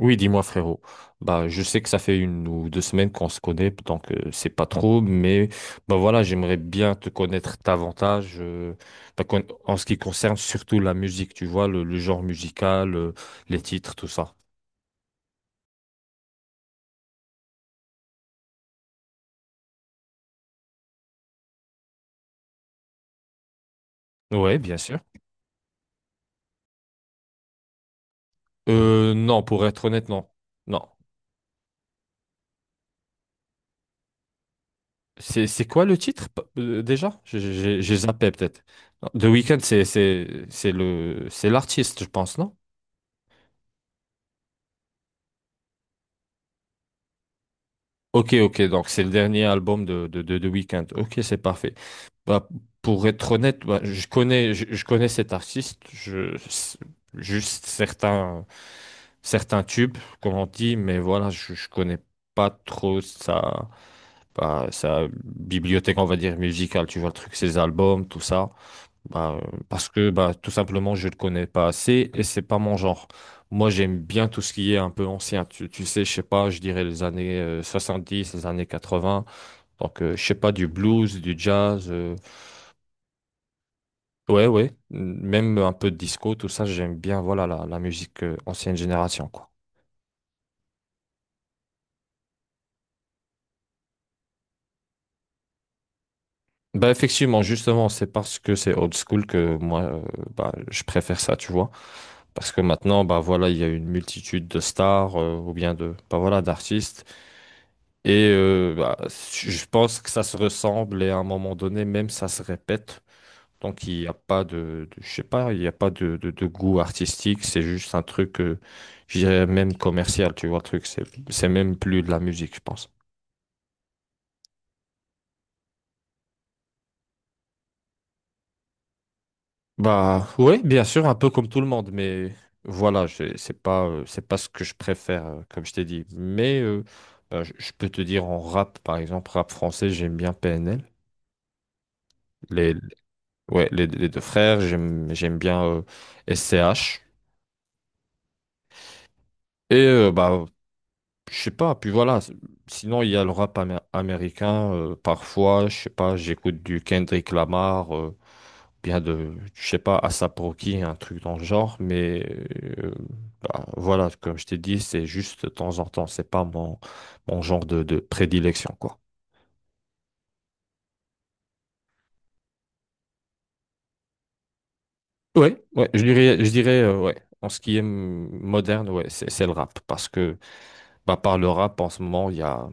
Oui, dis-moi frérot. Bah, je sais que ça fait une ou deux semaines qu'on se connaît, donc c'est pas trop, mais bah voilà, j'aimerais bien te connaître davantage bah, en ce qui concerne surtout la musique, tu vois, le genre musical, les titres, tout ça. Ouais, bien sûr. Non, pour être honnête, non. Non. C'est quoi le titre déjà? J'ai zappé peut-être. Non, The Weeknd, c'est l'artiste, je pense, non? Ok, ok, donc c'est le dernier album de Weeknd. Ok, c'est parfait. Bah, pour être honnête, bah, je connais cet artiste, c'est- juste certains tubes, comme on dit, mais voilà, je connais pas trop sa, bah, sa bibliothèque, on va dire, musicale, tu vois, le truc, ses albums, tout ça. Bah, parce que bah, tout simplement, je ne le connais pas assez et c'est pas mon genre. Moi, j'aime bien tout ce qui est un peu ancien. Tu sais, je sais pas, je dirais les années dix, les années 80. Donc, je sais pas, du blues, du jazz. Ouais, ouais. Même un peu de disco, tout ça, j'aime bien, voilà, la musique ancienne génération, quoi. Bah, effectivement, justement, c'est parce que c'est old school que moi, bah, je préfère ça, tu vois. Parce que maintenant, bah, voilà, il y a une multitude de stars ou bien de, bah, voilà, d'artistes. Et bah, je pense que ça se ressemble et à un moment donné, même ça se répète. Donc il n'y a pas je sais pas, il n'y a pas de, de goût artistique, c'est juste un truc, je dirais même commercial, tu vois, le truc, c'est même plus de la musique, je pense. Bah oui, bien sûr, un peu comme tout le monde, mais voilà, c'est pas ce que je préfère, comme je t'ai dit. Mais bah, je peux te dire en rap, par exemple, rap français, j'aime bien PNL. Ouais, les deux frères, j'aime bien SCH. Et bah, je sais pas, puis voilà, c'est- sinon il y a le rap américain parfois, je sais pas, j'écoute du Kendrick Lamar bien de je sais pas ASAP Rocky, un truc dans le genre, mais euh, bah, voilà, comme je t'ai dit, c'est juste de temps en temps, c'est pas mon genre de prédilection quoi. Ouais, ouais, je dirais ouais, en ce qui est mm, moderne, ouais, c'est le rap parce que bah, par le rap, en ce moment, il y a,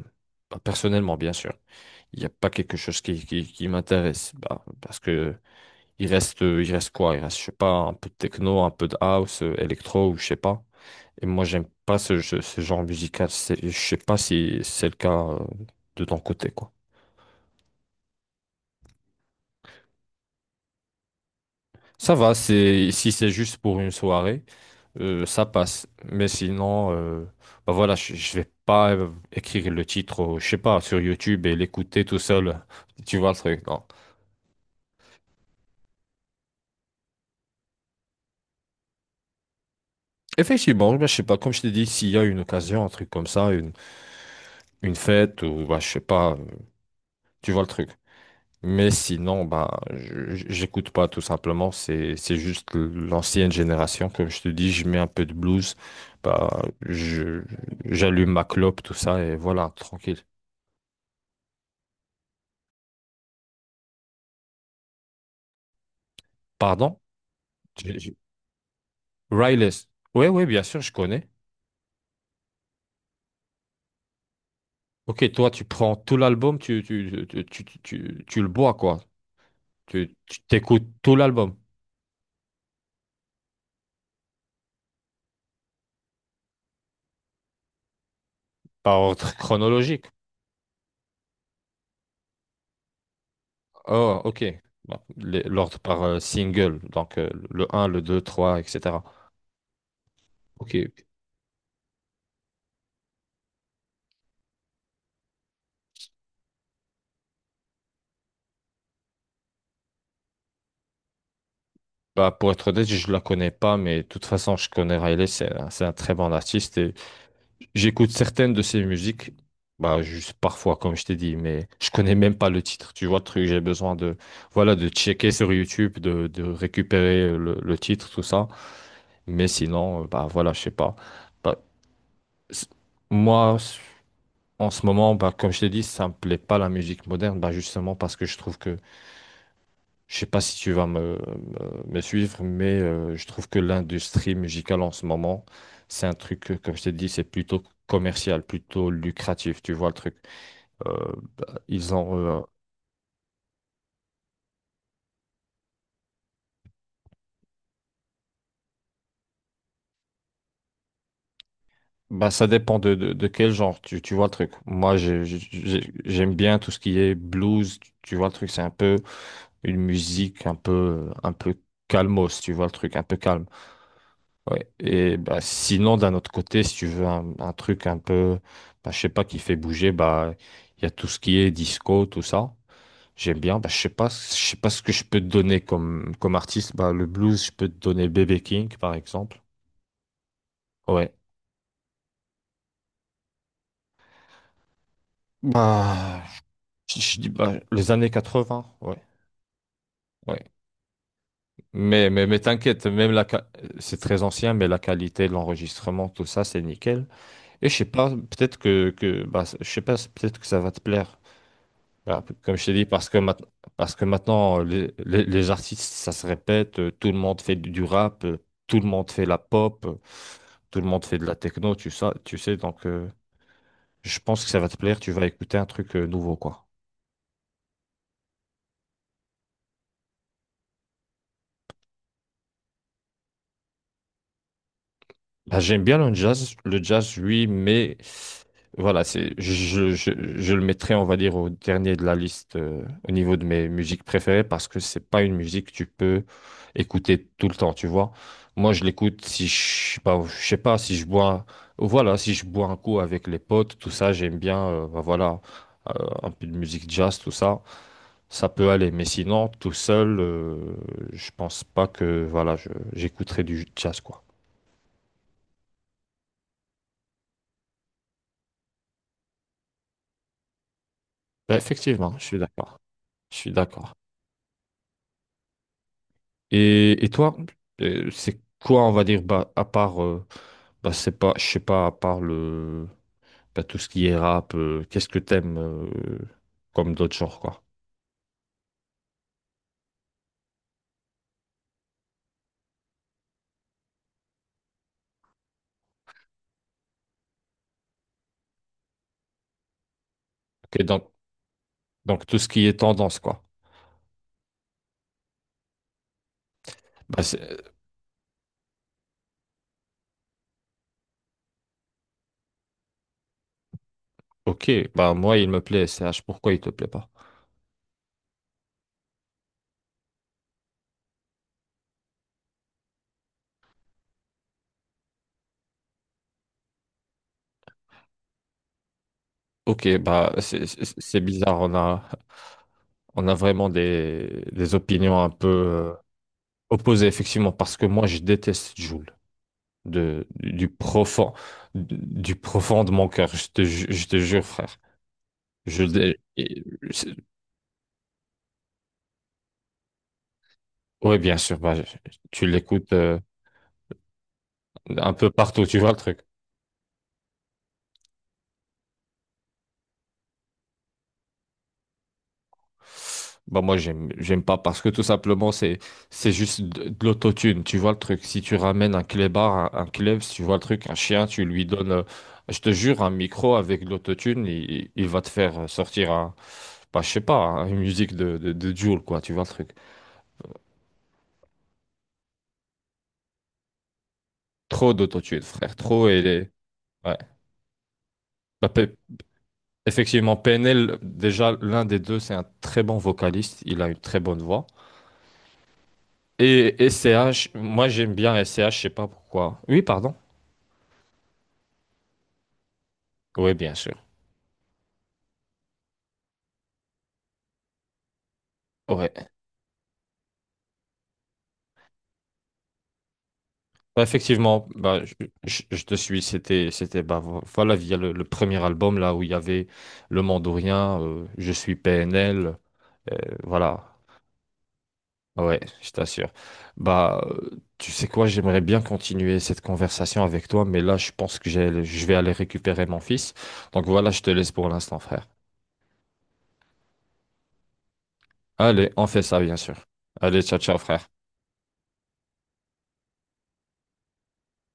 bah, personnellement, bien sûr, il n'y a pas quelque chose qui m'intéresse. Bah, parce que il reste quoi? Il reste, je sais pas, un peu de techno, un peu de house, électro, ou je sais pas. Et moi, j'aime pas ce genre musical. C'est- Je sais pas si c'est le cas de ton côté, quoi. Ça va, c'est, si c'est juste pour une soirée, ça passe. Mais sinon, bah voilà, je vais pas écrire le titre, je sais pas, sur YouTube et l'écouter tout seul. Tu vois le truc, non? Effectivement, bah, je sais pas, comme je t'ai dit, s'il y a une occasion, un truc comme ça, une fête, ou bah, je sais pas, tu vois le truc. Mais sinon, bah, j'écoute pas tout simplement, c'est juste l'ancienne génération, comme je te dis, je mets un peu de blues, bah, je, j'allume ma clope, tout ça, et voilà, tranquille. Pardon? J'ai- j'ai- Riles. Oui, oui, bien sûr, je connais. Ok, toi, tu prends tout l'album, tu le bois, quoi. Tu t'écoutes tout l'album, par ordre chronologique. Oh, ok. Bon, les- l'ordre par single, donc le 1, le 2, 3, etc. Ok. Bah, pour être honnête, je la connais pas, mais de toute façon, je connais Riley, c'est un très bon artiste et j'écoute certaines de ses musiques, bah, juste parfois, comme je t'ai dit, mais je connais même pas le titre. Tu vois le truc, j'ai besoin de, voilà, de checker sur YouTube, de récupérer le titre, tout ça. Mais sinon, bah, voilà, je sais pas. Bah, c- moi, en ce moment, bah, comme je t'ai dit, ça me plaît pas la musique moderne, bah, justement parce que je trouve que, je sais pas si tu vas me, me suivre, mais je trouve que l'industrie musicale en ce moment, c'est un truc, comme je t'ai dit, c'est plutôt commercial, plutôt lucratif, tu vois le truc. Euh, ils ont, bah, ça dépend de, de quel genre, tu vois le truc. Moi, j'aime bien tout ce qui est blues, tu vois le truc, c'est un peu une musique un peu calmos, tu vois le truc, un peu calme. Ouais. Et bah, sinon, d'un autre côté, si tu veux un truc un peu, bah, je sais pas, qui fait bouger, bah, il y a tout ce qui est disco, tout ça. J'aime bien. Bah, je sais pas, ce que je peux te donner comme, comme artiste. Bah, le blues, je peux te donner BB. King, par exemple. Ouais. Bah, je dis, bah, les années 80, ouais. Ouais. Mais t'inquiète, même la, c'est très ancien, mais la qualité de l'enregistrement, tout ça, c'est nickel. Et je sais pas, peut-être que bah, je sais pas, peut-être que ça va te plaire. Voilà, comme je t'ai dit, parce que maintenant, les artistes, ça se répète, tout le monde fait du rap, tout le monde fait la pop, tout le monde fait de la techno, tu sais, donc je pense que ça va te plaire, tu vas écouter un truc nouveau, quoi. Bah, j'aime bien le jazz, oui, mais voilà, c'est, je le mettrai, on va dire, au dernier de la liste au niveau de mes musiques préférées parce que c'est pas une musique que tu peux écouter tout le temps, tu vois. Moi, je l'écoute si je, bah, je sais pas, si je bois, voilà, si je bois un coup avec les potes, tout ça, j'aime bien, bah, voilà, euh, un peu de musique jazz, tout ça, ça peut aller. Mais sinon, tout seul, je pense pas que, voilà, j'écouterai du jazz, quoi. Bah, effectivement, je suis d'accord. Je suis d'accord. Et, toi, c'est quoi, on va dire, bah, à part, bah, c'est pas, je sais pas, à part le, bah, tout ce qui est rap, qu'est-ce que t'aimes comme d'autres genres, quoi. Ok, donc, tout ce qui est tendance, quoi. Bah, c'est- ok, bah, moi, il me plaît, C H. Pourquoi il te plaît pas? Ok, bah, c'est bizarre, on a vraiment des opinions un peu opposées, effectivement, parce que moi, je déteste Jul. De, du profond de mon cœur. Je te, je te jure, frère. Je, c'est- ouais, bien sûr, bah, tu l'écoutes un peu partout, tu vois le truc. Bah, moi, j'aime pas parce que tout simplement, c'est juste de l'autotune, tu vois le truc. Si tu ramènes un clébard, un clébs, tu vois le truc, un chien, tu lui donnes, je te jure, un micro avec de l'autotune, il, il va te faire sortir un, bah, je sais pas, hein, une musique de Jul, quoi, tu vois le truc. Trop d'autotune, frère, trop, et les- ouais. Bah, Pe- effectivement, PNL, déjà, l'un des deux, c'est un très bon vocaliste. Il a une très bonne voix. Et SCH, moi, j'aime bien SCH, je sais pas pourquoi. Oui, pardon. Oui, bien sûr. Ouais. Bah, effectivement, bah, je te suis. C'était, c'était, bah, voilà, via le premier album, là où il y avait Le Mandourien, Je suis PNL. euh, voilà. Ouais, je t'assure. Bah, tu sais quoi, j'aimerais bien continuer cette conversation avec toi, mais là, je pense que j'ai- je vais aller récupérer mon fils. Donc voilà, je te laisse pour l'instant, frère. Allez, on fait ça, bien sûr. Allez, ciao, ciao, frère.